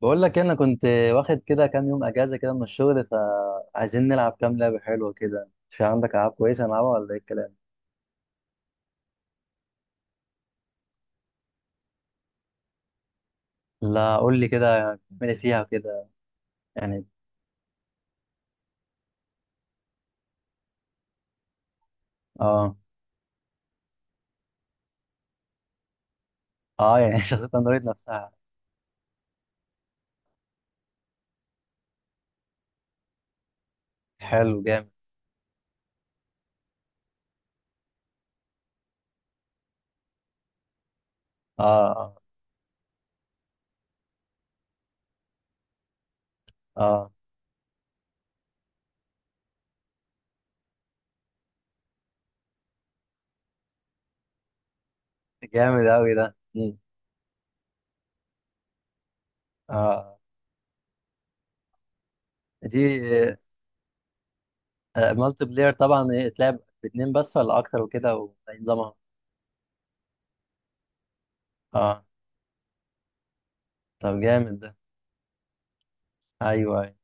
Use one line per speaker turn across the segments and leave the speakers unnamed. بقول لك إيه، انا كنت واخد كده كام يوم اجازه كده من الشغل، فعايزين نلعب كام لعبه حلوه كده. في عندك العاب كويسه نلعبها ولا ايه الكلام؟ لا قول لي كده. اعملي فيها كده. يعني اه اه. يعني شخصيه اندرويد نفسها. حلو جامد. اه اه اه. جامد قوي ده. مم. اه آه. دي مالتي بلاير طبعا، إيه، تلعب باتنين بس ولا اكتر وكده ولا إيه نظامها؟ اه. طب جامد ده. ايوه أيوة.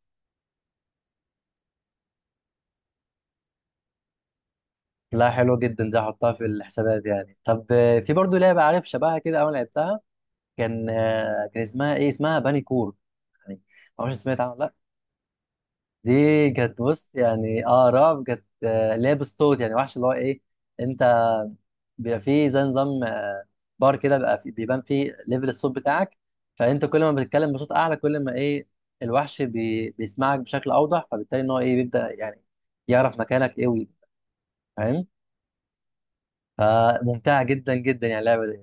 لا حلوه جدا دي، احطها في الحسابات يعني. طب في برضو لعبه عارف شبهها كده اول لعبتها كان اسمها ايه، اسمها باني كور. يعني ما اعرفش سمعت عنها ولا لا. دي كانت بص، يعني اه رعب، كانت اللي هي بالصوت، يعني وحش اللي هو ايه. انت بيبقى فيه زي نظام بار كده، بيبقى فيه بيبان فيه ليفل الصوت بتاعك، فانت كل ما بتتكلم بصوت اعلى كل ما ايه الوحش بيسمعك بشكل اوضح، فبالتالي ان هو ايه بيبدأ يعني يعرف مكانك ايه ويجي. فاهم؟ فممتعة جدا جدا يعني اللعبة دي.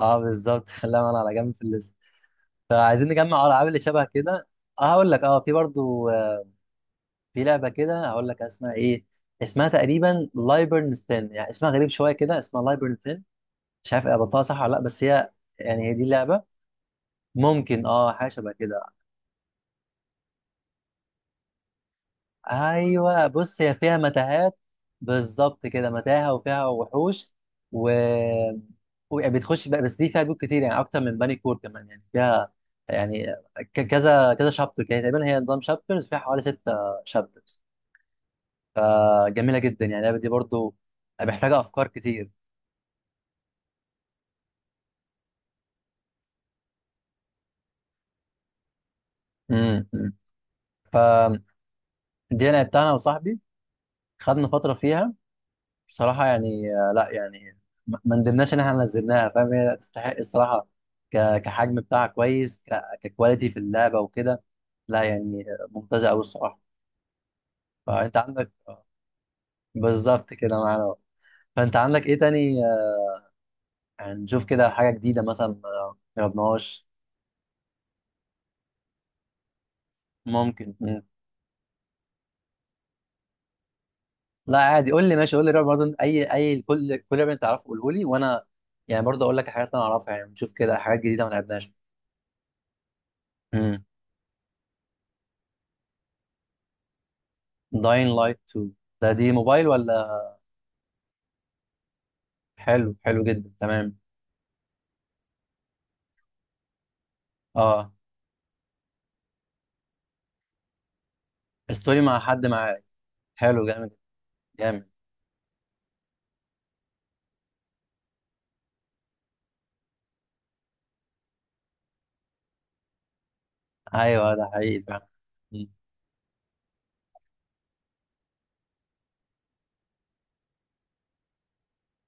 اه بالظبط خليها معانا على جنب في الليست. فعايزين نجمع اه الالعاب اللي شبه كده. اه هقول لك، اه في برضو، في لعبه كده هقول لك اسمها ايه. اسمها تقريبا لايبرن ثين، يعني اسمها غريب شويه كده، اسمها لايبرن ثين. مش عارف قبلتها صح ولا لا، بس هي يعني هي دي اللعبه، ممكن اه حاجه شبه كده. ايوه بص، هي فيها متاهات، بالظبط كده متاهه وفيها وحوش، و وبتخش بقى. بس دي فيها بيوت كتير يعني، اكتر من بني كور كمان، يعني فيها يعني كذا كذا شابتر، يعني تقريبا هي نظام شابترز، فيها حوالي ستة شابترز. فجميله جدا يعني اللعبه دي برضو، محتاجه افكار كتير. امم فدي انا بتاعنا وصاحبي خدنا فتره فيها بصراحه يعني. لا يعني ما ندمناش ان احنا نزلناها، فاهم. هي تستحق الصراحه، كحجم بتاعها كويس، ككواليتي في اللعبه وكده. لا يعني ممتازه قوي الصراحه. فانت عندك بالظبط كده معانا أهو. فانت عندك ايه تاني يعني نشوف كده حاجه جديده مثلا ما جربناهاش. ممكن. لا عادي، قول لي ماشي، قول لي رعب برضه، اي اي، كل كل رعب انت تعرفه قوله لي، وانا يعني برضه اقول لك الحاجات اللي انا اعرفها، يعني نشوف كده حاجات جديده ما لعبناش. امم داين لايت 2؟ ده دي موبايل ولا؟ حلو، حلو جدا، تمام. اه، ستوري مع حد معاك. حلو جامد. جامد. ايوه ده حقيقي فعلا. مم.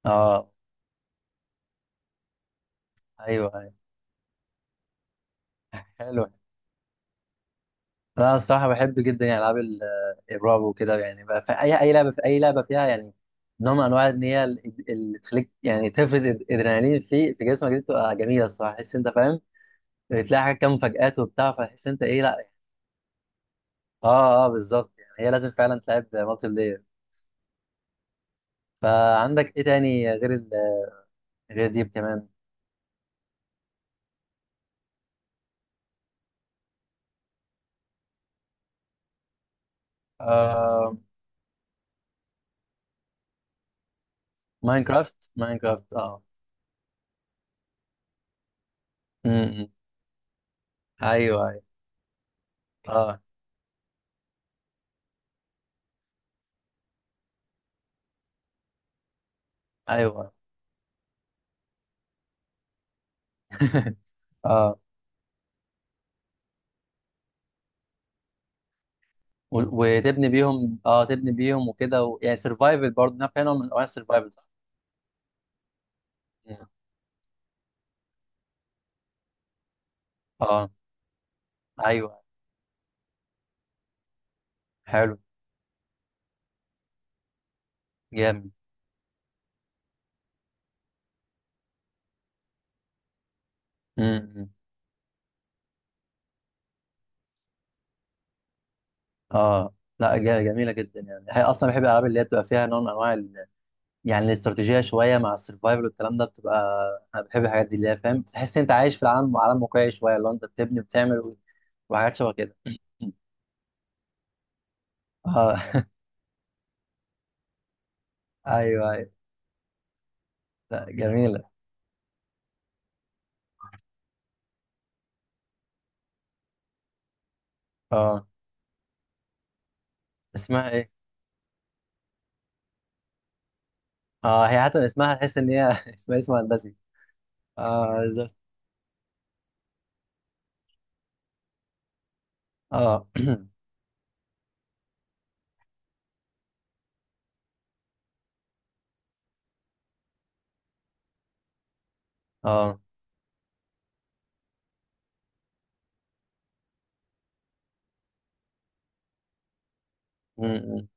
اه. ايوه ايوه. حلو. انا الصراحه بحب جدا يعني العاب الرعب وكده، يعني بقى في اي اي لعبه، في اي لعبه فيها يعني نوع من انواع ان هي اللي تخليك يعني تفرز ادرينالين في جسمك، دي بتبقى جميله الصراحه، تحس انت فاهم. بتلاقي حاجات، كام مفاجآت وبتاع، فتحس انت ايه. لا اه اه بالظبط، يعني هي لازم فعلا تلعب مالتي بلاير. فعندك ايه تاني غير ال... غير ديب كمان؟ آه... ماينكرافت ماينكرافت، اه. م- م. ايوه ايوه، اه. ايوه اه. و- وتبني بيهم اه، تبني بيهم وكده، و... يعني سرفايفل برضه، نوع، كان نوع من انواع السرفايفل، صح؟ مم. اه. ايوه. حلو. جامد. امم اه لا جميله جدا، يعني هي اصلا بحب الالعاب اللي هي بتبقى فيها نوع من انواع ال... يعني الاستراتيجيه شويه مع السرفايفل والكلام ده بتبقى. انا بحب الحاجات دي اللي هي فاهم، تحس انت عايش في العالم، عالم واقعي شويه، اللي هو انت بتبني وبتعمل وحاجات شبه كده اه ايوه ايوه. لا جميله. اه. اسمها ايه؟ اه، هي حتى اسمها تحس ان هي اسمها اسم هندسي. اه. اه اه. م-م.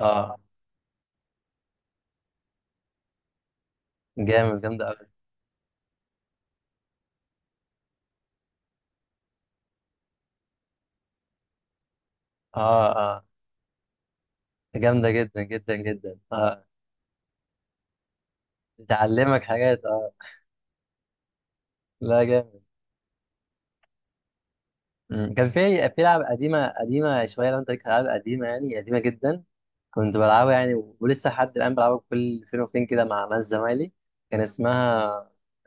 اه. جامد، جامدة أوي. اه اه. جامدة جدا جدا جدا. اه. تعلمك حاجات، اه. لا جامد. م. كان في في لعبة قديمة قديمة شوية، لو انت ليك في ألعاب قديمة، يعني قديمة جدا كنت بلعبها يعني، ولسه لحد الآن بلعبها كل فين وفين كده مع ناس زمايلي. كان اسمها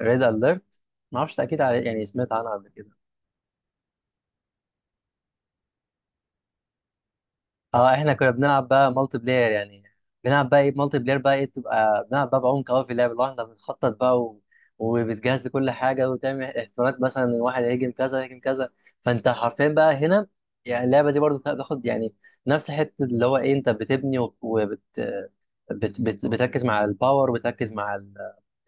ريد أليرت، معرفش أكيد على- يعني سمعت عنها قبل كده. اه احنا كنا بنلعب بقى مالتي بلاير يعني، بنلعب بقى ايه مالتي بلاير بقى ايه، بتبقى بنلعب بقى بعمق قوي في اللعب، اللي هو احنا بنخطط بقى و... وبتجهز لكل حاجه، وتعمل احتمالات مثلا ان واحد هيهاجم كذا، هيهاجم كذا. فانت حرفيا بقى هنا، يعني اللعبه دي برضو بتاخد يعني نفس حته، اللي هو ايه انت بتبني بتركز مع الباور، وبتركز مع ال...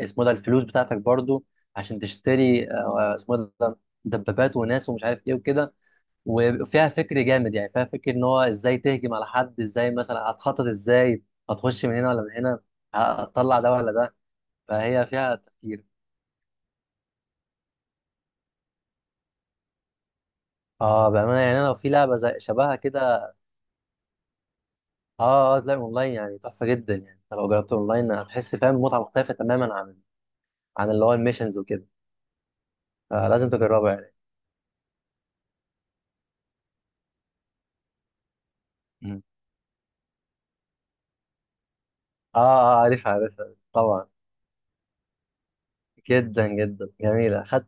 اسمه ده الفلوس بتاعتك برضو، عشان تشتري اسمه ده دبابات وناس ومش عارف ايه وكده. وفيها فكر جامد، يعني فيها فكر ان هو ازاي تهجم على حد، ازاي مثلا هتخطط، ازاي هتخش من هنا ولا من هنا، هتطلع ده ولا ده. فهي فيها تفكير. اه بامانه، يعني انا لو في لعبه زي شبهها كده. اه اه، تلاقي اونلاين يعني تحفه جدا. يعني انت لو جربت اونلاين، هتحس فاهم متعه مختلفه تماما، عن عن اللي هو الميشنز وكده، فلازم تجربها يعني. مم. اه اه، عارفها عارفها طبعا. جدا جدا جميله، خدت.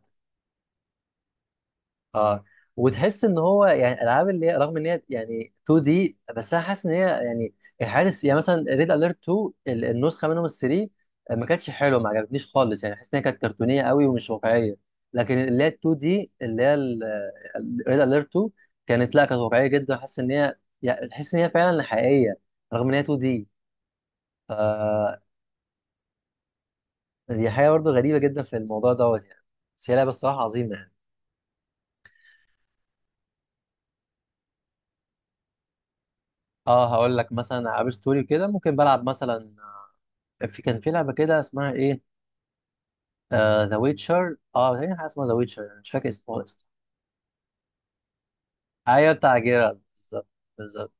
اه وتحس ان هو يعني الالعاب اللي هي، رغم ان هي يعني 2 دي، بس انا حاسس ان هي يعني حارس. يعني مثلا ريد اليرت 2 النسخه منهم ال 3 ما كانتش حلوه، ما عجبتنيش خالص، يعني حاسس ان هي كانت كرتونيه قوي ومش واقعيه. لكن اللي هي 2 دي اللي هي ريد اليرت 2، كانت لا كانت واقعيه جدا، حاسس ان هي يعني تحس ان هي فعلا حقيقيه، رغم ان هي 2 دي. ف دي حاجه برضه غريبه جدا في الموضوع دوت يعني. بس هي لعبه الصراحه عظيمه يعني. اه هقول لك مثلا العاب ستوري كده ممكن بلعب مثلا، في كان في لعبه كده اسمها ايه، ذا ويتشر، اه تقريبا حاجه اسمها ذا ويتشر، مش فاكر اسمه خالص. ايوه بتاع جيرارد بالظبط، بالظبط.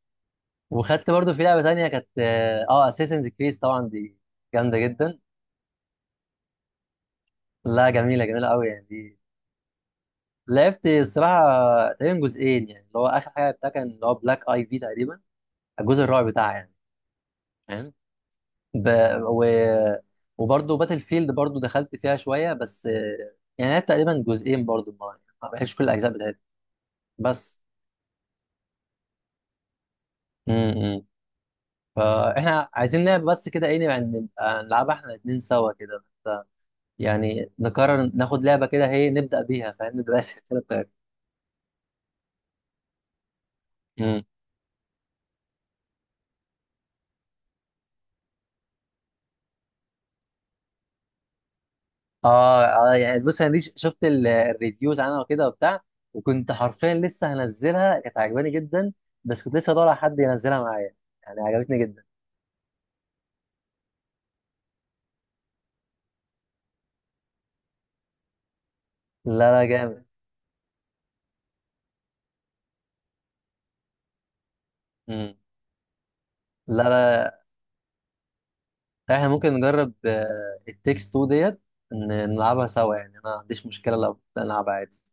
وخدت برضو في لعبه تانية كانت، اه اساسنز كريس طبعا، دي جامده جدا. لا جميله، جميله قوي يعني دي. لعبت الصراحه تقريبا جزئين، يعني اللي هو اخر حاجه بتاع كان، اللي هو بلاك اي في تقريبا، الجزء الرابع بتاعها يعني. فاهم. ب... و... وبرضه باتل فيلد برضه دخلت فيها شويه، بس يعني لعبت تقريبا جزئين برضه، ما بحبش كل الاجزاء بتاعتها. بس. امم فاحنا عايزين لعبه بس كده ايه، يعني نبقى نلعبها احنا الاثنين سوا كده، ف- يعني نقرر ناخد لعبه كده هي نبدا بيها، فاهم نبقى السلسله بتاعتنا. امم. اه اه، يعني بص انا دي شفت الريفيوز عنها وكده وبتاع. وكنت حرفيا لسه هنزلها، كانت عجباني جدا. بس كنت لسه بدور على حد ينزلها معايا، يعني عجبتني جدا. لا لا جامد. امم. لا لا، احنا ممكن نجرب التكست 2 ديت، ن- نلعبها سوا يعني، انا ما عنديش مشكله لو نلعبها عادي.